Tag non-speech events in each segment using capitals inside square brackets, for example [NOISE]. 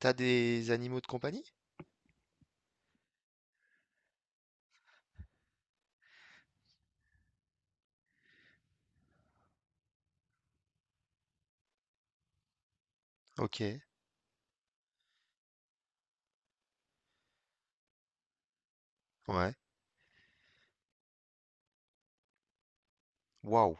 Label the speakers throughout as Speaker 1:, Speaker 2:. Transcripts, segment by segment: Speaker 1: T'as des animaux de compagnie? Ok, ouais. Waouh.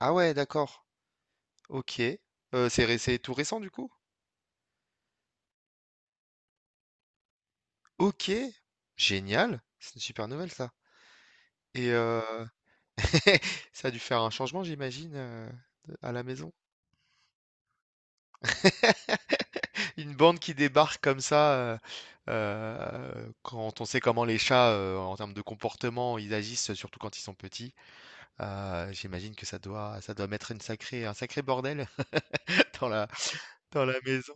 Speaker 1: Ah ouais, d'accord. Ok. C'est c'est tout récent du coup? Ok. Génial. C'est une super nouvelle ça. Et [LAUGHS] ça a dû faire un changement, j'imagine, à la maison. [LAUGHS] Une bande qui débarque comme ça, quand on sait comment les chats, en termes de comportement, ils agissent, surtout quand ils sont petits, j'imagine que ça doit mettre une sacrée, un sacré bordel [LAUGHS] dans dans la maison.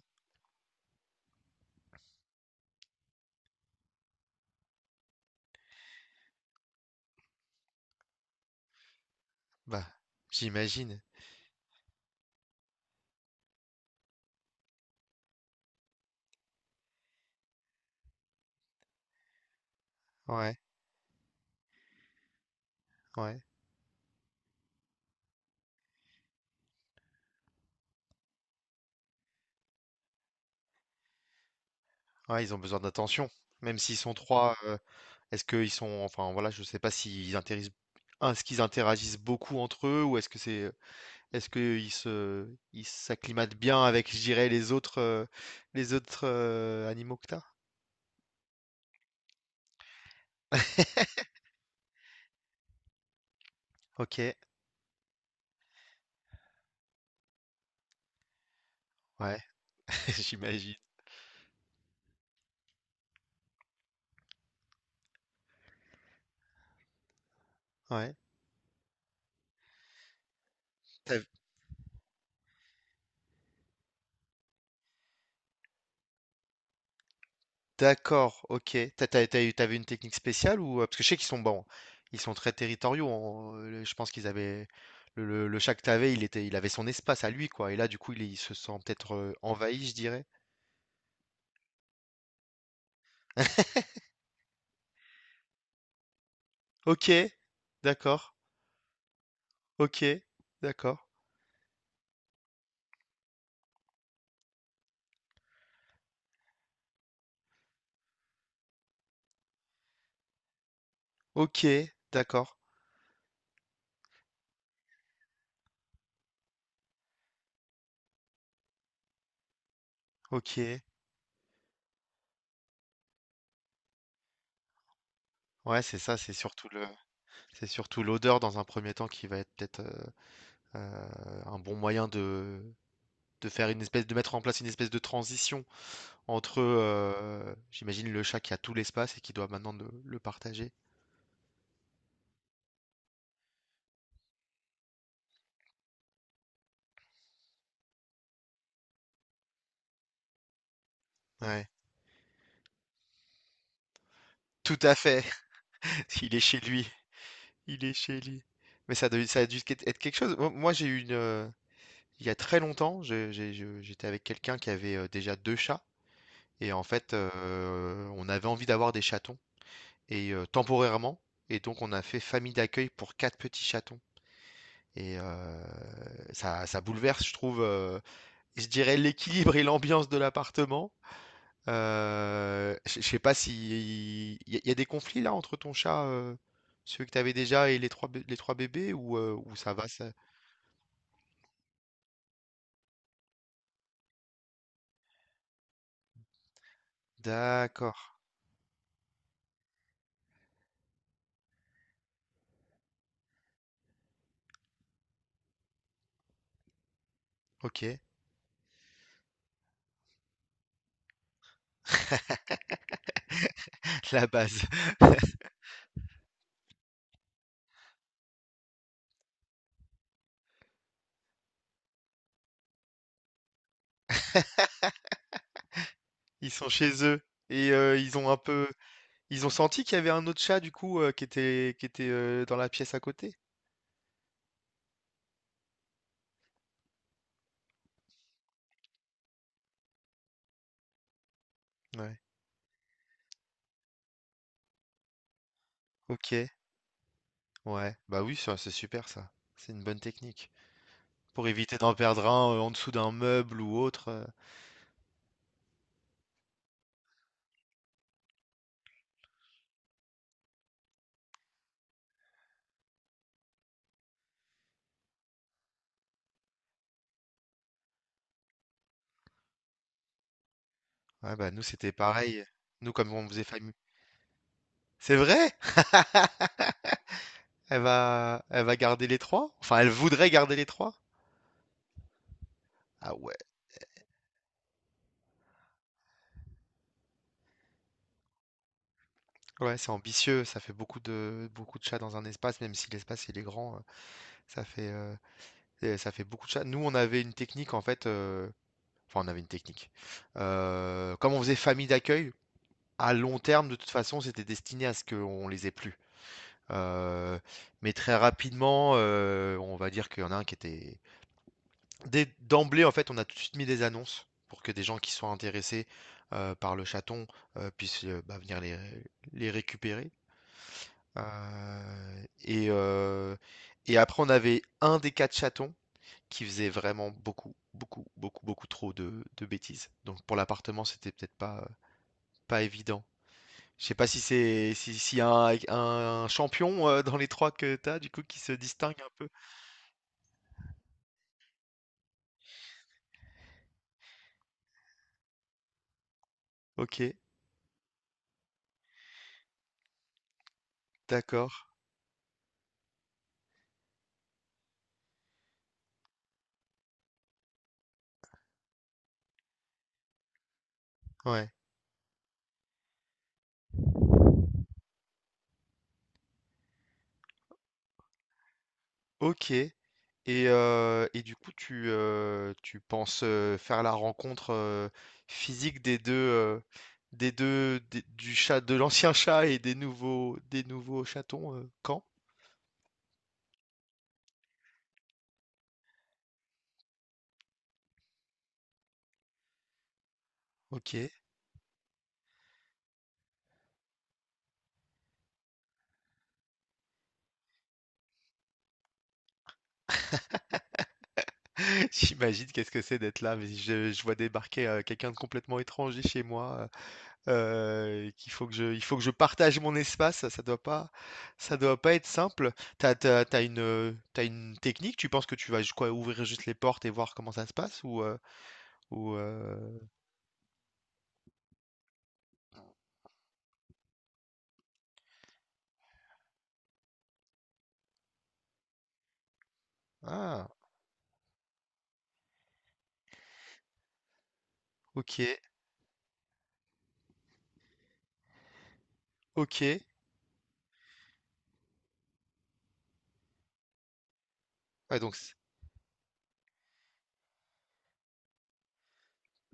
Speaker 1: Bah, j'imagine. Ouais, ouais, ouais, ils ont besoin d'attention. Même s'ils sont trois, est-ce qu'ils sont, enfin voilà, je sais pas s'ils interagissent, est-ce qu'ils interagissent beaucoup entre eux ou est-ce que c'est, est-ce qu'ils se, ils s'acclimatent bien avec, je dirais, les autres animaux que t'as? Ok, ouais, [LAUGHS] j'imagine. Ouais. D'accord, OK. T'avais une technique spéciale ou parce que je sais qu'ils sont bons, ils sont très territoriaux. Je pense qu'ils avaient le chat que t'avais, il avait son espace à lui quoi. Et là, du coup, il se sent peut-être envahi, je dirais. [LAUGHS] Ok, d'accord. Ok, d'accord. Ok, d'accord. Ok. Ouais, c'est ça, c'est surtout c'est surtout l'odeur dans un premier temps qui va être peut-être euh, un bon moyen de faire une espèce, de mettre en place une espèce de transition entre, j'imagine le chat qui a tout l'espace et qui doit maintenant le partager. Ouais, tout à fait. [LAUGHS] Il est chez lui, il est chez lui. Mais ça a dû quét être quelque chose. J'ai eu une, il y a très longtemps, j'étais avec quelqu'un qui avait, déjà 2 chats et en fait, on avait envie d'avoir des chatons et temporairement et donc on a fait famille d'accueil pour 4 petits chatons et ça bouleverse, je trouve, je dirais l'équilibre et l'ambiance de l'appartement. Je sais pas si il y, a y a des conflits là entre ton chat, celui que t'avais déjà et les trois les trois bébés ou ça va ça. D'accord. Ok. [LAUGHS] La base. Ils sont chez eux et ils ont un peu ils ont senti qu'il y avait un autre chat du coup qui était dans la pièce à côté. Ouais. Ok. Ouais. Bah oui, ça, c'est super ça. C'est une bonne technique pour éviter d'en perdre un en dessous d'un meuble ou autre. Ouais, bah nous c'était pareil. Nous comme on faisait famille. C'est vrai? [LAUGHS] Elle va garder les trois? Enfin, elle voudrait garder les trois? Ah ouais. Ouais, c'est ambitieux. Ça fait beaucoup de chats dans un espace, même si l'espace il est grand. Ça fait, et ça fait beaucoup de chats. Nous, on avait une technique en fait. Enfin, on avait une technique. Comme on faisait famille d'accueil, à long terme, de toute façon, c'était destiné à ce qu'on les ait plus. Euh, mais très rapidement, on va dire qu'il y en a un qui était, dès d'emblée, en fait, on a tout de suite mis des annonces pour que des gens qui soient intéressés par le chaton puissent bah, venir les récupérer. Euh, et, euh, et après, on avait un des quatre chatons qui faisait vraiment beaucoup, beaucoup, beaucoup, beaucoup trop de bêtises. Donc pour l'appartement, c'était peut-être pas, pas évident. Je sais pas si c'est si, s'il y a un champion dans les trois que t'as, du coup, qui se distingue un peu. Ok, d'accord. Ouais. Ok. Et du coup, tu penses faire la rencontre physique des deux, du chat, de l'ancien chat et des nouveaux chatons quand? Ok. [LAUGHS] J'imagine qu'est-ce que c'est d'être là, mais je vois débarquer quelqu'un de complètement étranger chez moi. Qu'il faut que je il faut que je partage mon espace, ça doit pas être simple. T'as une, tu une technique? Tu penses que tu vas ju quoi, ouvrir juste les portes et voir comment ça se passe ou, ou, heu ah! OK, OK. Ouais donc c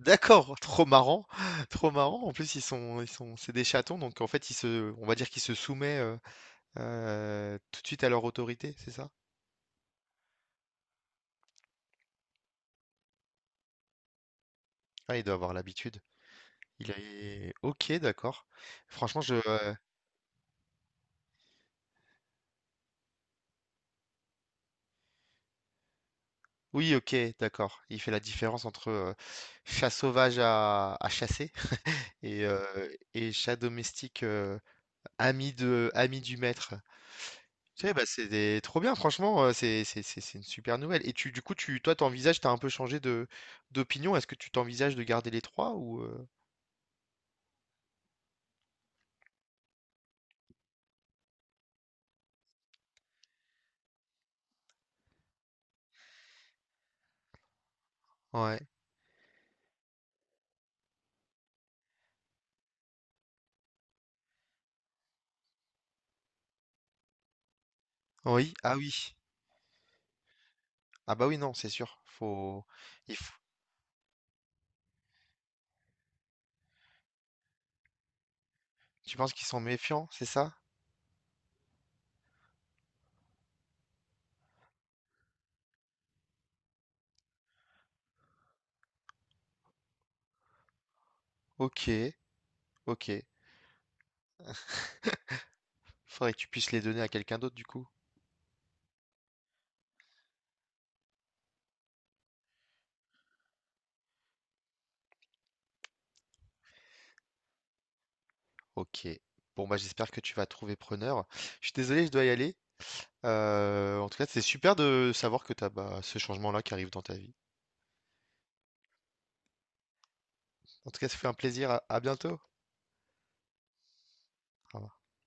Speaker 1: D'accord, [LAUGHS] trop marrant, [LAUGHS] trop marrant. En plus, ils sont c'est des chatons donc en fait, ils se on va dire qu'ils se soumettent tout de suite à leur autorité, c'est ça? Ah, il doit avoir l'habitude. Il est OK, d'accord. Franchement, Oui, ok, d'accord. Il fait la différence entre chat sauvage à chasser et, euh, et chat domestique ami ami du maître. Tu sais, bah, trop bien, franchement, c'est une super nouvelle. Et tu, du coup, tu, toi, t'envisages, t'as un peu changé de d'opinion. Est-ce que tu t'envisages de garder les trois ou Ouais. Oui, ah oui. Ah bah oui, non, c'est sûr. Faut... Il faut... Tu penses qu'ils sont méfiants, c'est ça? Ok, ok. Faudrait que tu puisses les donner à quelqu'un d'autre, du coup. Ok. Bon, bah, j'espère que tu vas trouver preneur. Je suis désolé, je dois y aller. En tout cas, c'est super de savoir que tu as ce changement-là qui arrive dans ta vie. En tout cas, ça fait un plaisir. À bientôt.